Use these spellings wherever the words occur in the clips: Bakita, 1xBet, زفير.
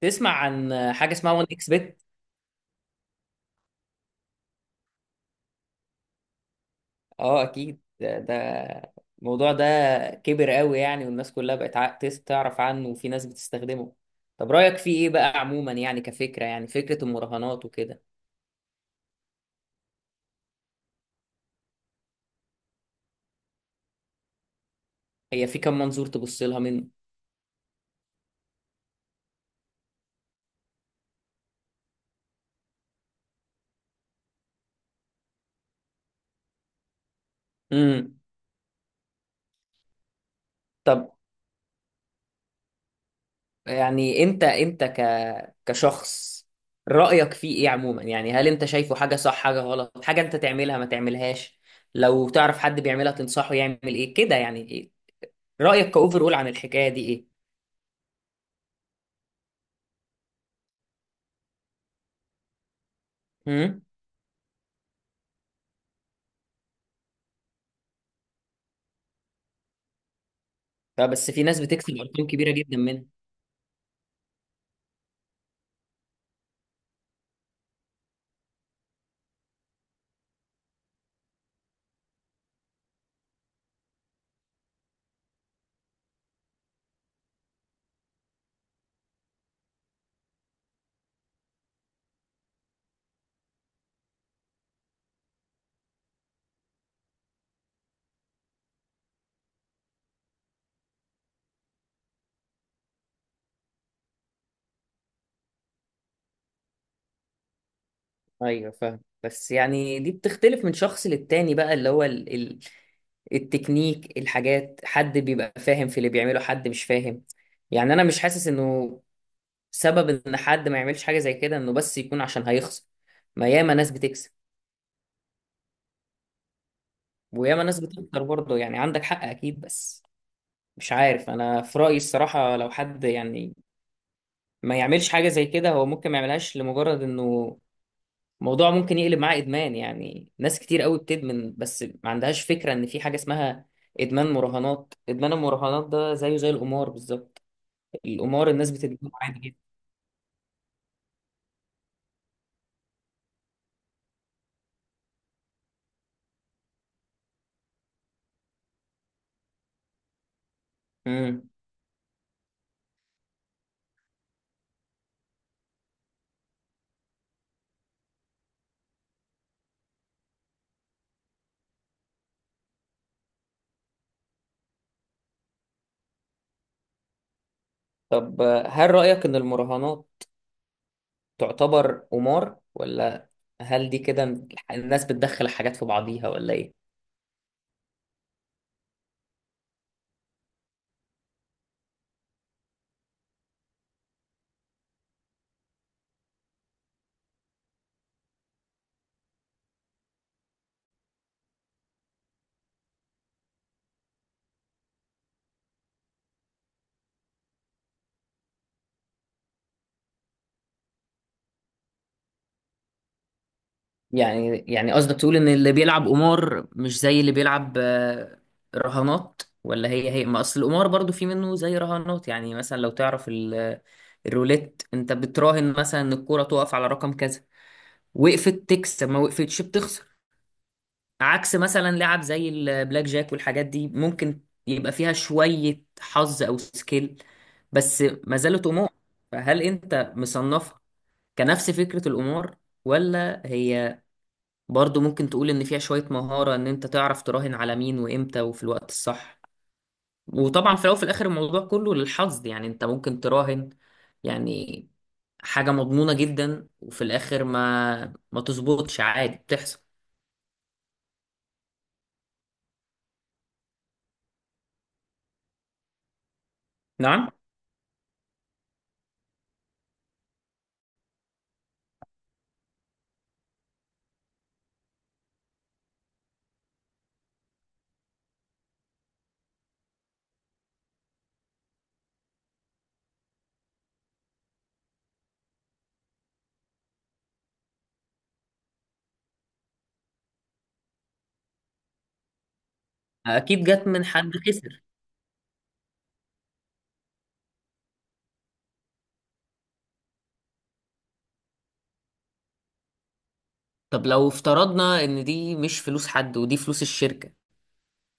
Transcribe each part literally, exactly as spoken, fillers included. تسمع عن حاجة اسمها واحد اكس بت؟ اه، اكيد. ده, ده الموضوع ده كبر قوي، يعني والناس كلها بقت ع- تس- تعرف عنه، وفي ناس بتستخدمه. طب رأيك فيه ايه بقى عموما؟ يعني كفكرة، يعني فكرة المراهنات وكده. هي في كم منظور تبص لها منه؟ امم طب، يعني انت انت ك كشخص رأيك فيه ايه عموما؟ يعني هل انت شايفه حاجة صح، حاجة غلط، حاجة انت تعملها ما تعملهاش؟ لو تعرف حد بيعملها تنصحه يعمل ايه كده؟ يعني ايه رأيك كأوفر اول عن الحكاية دي؟ ايه امم فبس في ناس بتكسب ارقام كبيره جدا منها. ايوه فاهم، بس يعني دي بتختلف من شخص للتاني بقى، اللي هو ال... ال... التكنيك، الحاجات، حد بيبقى فاهم في اللي بيعمله، حد مش فاهم. يعني انا مش حاسس انه سبب ان حد ما يعملش حاجه زي كده انه بس يكون عشان هيخسر. ما ياما ناس بتكسب، وياما ناس بتخسر برضه. يعني عندك حق اكيد، بس مش عارف انا في رايي الصراحه، لو حد يعني ما يعملش حاجه زي كده، هو ممكن ما يعملهاش لمجرد انه الموضوع ممكن يقلب معاه ادمان. يعني ناس كتير قوي بتدمن، بس ما عندهاش فكره ان في حاجه اسمها ادمان مراهنات. ادمان المراهنات ده زيه زي القمار بالظبط. القمار الناس بتدمنه عادي جدا. امم طب، آه، هل رايك ان المراهنات تعتبر قمار، ولا هل دي كده الناس بتدخل حاجات في بعضيها، ولا ايه؟ يعني يعني قصدك تقول ان اللي بيلعب قمار مش زي اللي بيلعب آه، رهانات، ولا هي هي؟ ما اصل القمار برضو في منه زي رهانات، يعني مثلا لو تعرف ال- الروليت، انت بتراهن مثلا ان الكوره تقف على رقم كذا، وقفت تكسب، ما وقفتش بتخسر. عكس مثلا لعب زي البلاك جاك والحاجات دي ممكن يبقى فيها شوية حظ او سكيل، بس ما زالت قمار. فهل انت مصنفها كنفس فكرة القمار، ولا هي برضو ممكن تقول ان فيها شوية مهارة ان انت تعرف تراهن على مين وامتى وفي الوقت الصح؟ وطبعا في الاول وفي الاخر الموضوع كله للحظ، يعني انت ممكن تراهن يعني حاجة مضمونة جدا وفي الاخر ما ما تظبطش، عادي، بتحصل. نعم. اكيد جت من حد خسر. طب لو افترضنا ان دي مش فلوس حد، ودي فلوس الشركة،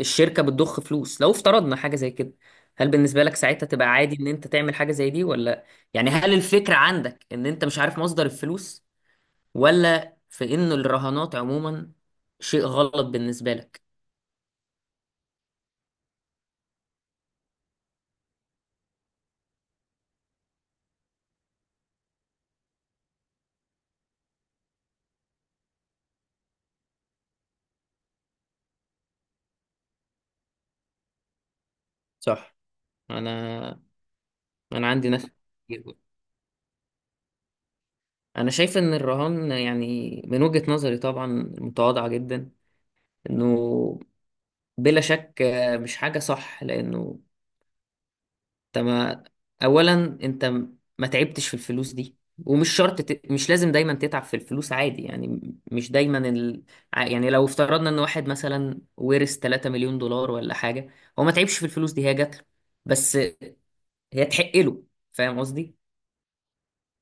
الشركة بتضخ فلوس، لو افترضنا حاجة زي كده، هل بالنسبة لك ساعتها تبقى عادي ان انت تعمل حاجة زي دي؟ ولا يعني هل الفكرة عندك ان انت مش عارف مصدر الفلوس، ولا في إن الرهانات عموما شيء غلط بالنسبة لك؟ صح. أنا أنا عندي ناس كتير بقى. أنا شايف إن الرهان، يعني من وجهة نظري طبعا متواضعة جدا، إنه بلا شك آه، مش حاجة صح، لأنه انت ما اولا انت م- ما تعبتش في الفلوس دي، ومش شرط ت... مش لازم دايما تتعب في الفلوس، عادي يعني م- مش دايما ال... ع- يعني لو افترضنا ان واحد مثلا ورث 3 مليون دولار ولا حاجة، هو ما تعبش في الفلوس دي، هي جات له، بس هي تحق له، فاهم قصدي؟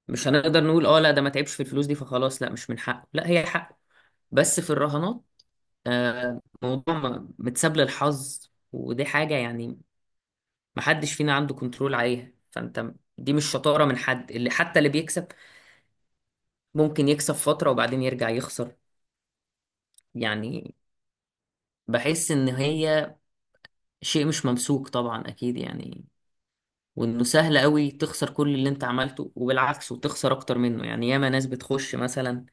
مش هنقدر نقول اه لا ده ما تعبش في الفلوس دي فخلاص لا مش من حقه، لا هي حقه. بس في الرهانات، آه، موضوع م- متساب للحظ، ودي حاجة يعني محدش فينا عنده كنترول عليها، فانت دي مش شطارة من حد، اللي حتى اللي بيكسب ممكن يكسب فترة وبعدين يرجع يخسر. يعني بحس ان هي شيء مش ممسوك، طبعا اكيد يعني، وانه سهل قوي تخسر كل اللي انت عملته وبالعكس وتخسر اكتر منه. يعني ياما ناس بتخش مثلا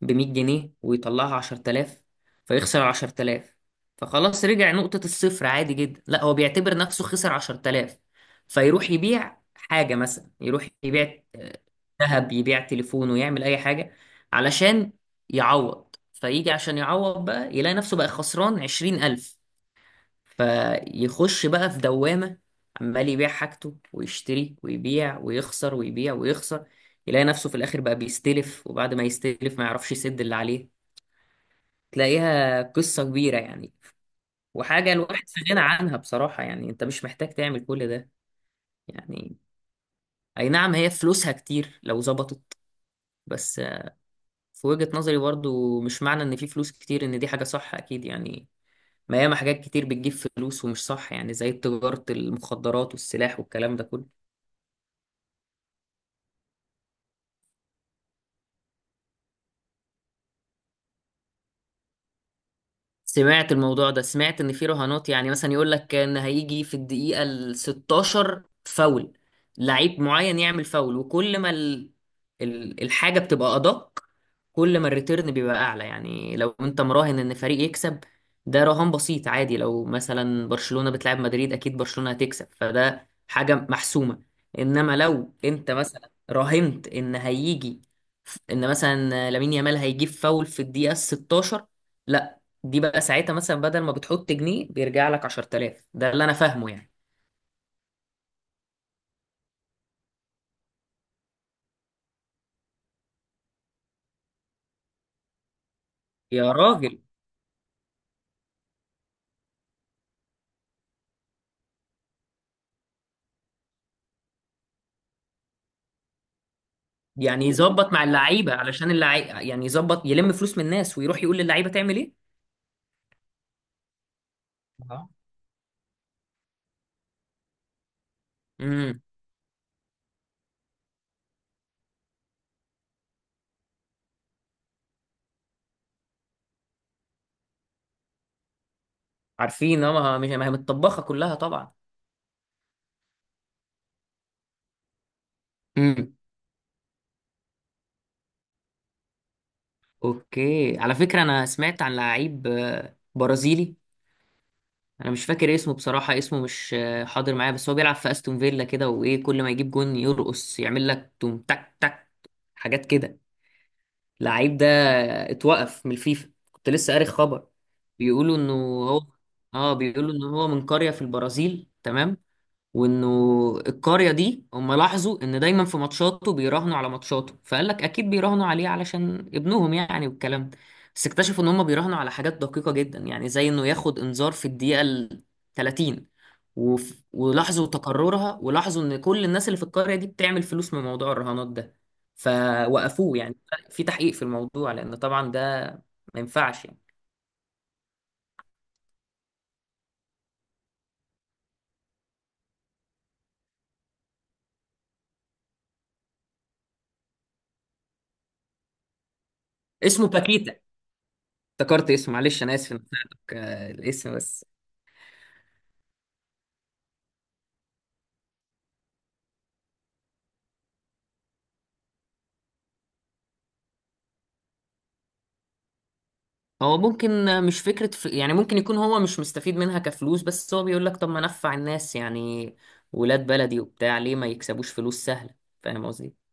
ب مية جنيه ويطلعها عشرة آلاف، فيخسر عشرة آلاف، فخلاص رجع نقطة الصفر، عادي جدا، لا هو بيعتبر نفسه خسر عشرة آلاف، فيروح يبيع حاجة، مثلا يروح يبيع ذهب، يبيع تليفونه، يعمل اي حاجه علشان يعوض. فيجي عشان يعوض بقى يلاقي نفسه بقى خسران عشرين ألف، فيخش بقى في دوامة، عمال يبيع حاجته ويشتري، ويبيع ويخسر، ويبيع ويخسر، يلاقي نفسه في الآخر بقى بيستلف، وبعد ما يستلف ما يعرفش يسد اللي عليه، تلاقيها قصة كبيرة يعني. وحاجة الواحد في غنى عنها بصراحة، يعني انت مش محتاج تعمل كل ده يعني. اي نعم، هي فلوسها كتير لو ظبطت، بس في وجهة نظري برضو مش معنى ان في فلوس كتير ان دي حاجة صح، اكيد يعني، ما ياما حاجات كتير بتجيب فلوس ومش صح، يعني زي تجارة المخدرات والسلاح والكلام ده كله. سمعت الموضوع ده، سمعت ان في رهانات يعني مثلا يقول لك ان هيجي في الدقيقة ال ستاشر فاول لعيب معين يعمل فاول، وكل ما ال... ال- الحاجة بتبقى ادق، كل ما الريتيرن بيبقى اعلى. يعني لو انت مراهن ان فريق يكسب ده رهان بسيط عادي، لو مثلا برشلونة بتلعب مدريد اكيد برشلونة هتكسب، فده حاجة محسومة. انما لو انت مثلا راهنت ان هيجي ان مثلا لامين يامال هيجيب فاول في الدقيقة ستاشر، دي بقى ساعتها مثلا بدل ما بتحط جنيه بيرجع لك عشرة آلاف. ده اللي انا فاهمه يعني. يا راجل. يعني يظبط مع اللعيبه، علشان اللعيبه يعني يظبط يلم فلوس من الناس ويروح يقول للعيبه تعمل ايه. آه. امم عارفين، اه ما هي ما هي متطبخه كلها طبعا. امم اوكي، على فكره انا سمعت عن لعيب آه، برازيلي، انا مش فاكر اسمه بصراحه، اسمه مش آه، حاضر معايا، بس هو بيلعب في استون فيلا كده، وايه كل ما يجيب جون يرقص يعمل لك توم تك تك، حاجات كده. لعيب ده اتوقف من الفيفا، كنت لسه قاري خبر. بيقولوا انه هو اه بيقولوا انه هو من قرية في البرازيل، تمام، وانه القرية دي هم لاحظوا ان دايما في ماتشاته بيراهنوا على ماتشاته، فقال لك اكيد بيراهنوا عليه علشان ابنهم يعني والكلام ده. بس اكتشفوا ان هم بيراهنوا على حاجات دقيقة جدا، يعني زي انه ياخد انذار في الدقيقة ال ثلاثين، وف... ولاحظوا تكررها، ولاحظوا ان كل الناس اللي في القرية دي بتعمل فلوس من موضوع الرهانات ده، فوقفوه يعني، في تحقيق في الموضوع لان طبعا ده ما ينفعش يعني. اسمه باكيتا، افتكرت اسمه، معلش انا اسف إني قلت لك، آه، الاسم بس. هو ممكن مش فكرة ف- يعني ممكن يكون هو مش مستفيد منها كفلوس، بس هو بيقول لك طب ما نفع الناس، يعني ولاد بلدي وبتاع، ليه ما يكسبوش فلوس سهلة؟ فاهم قصدي؟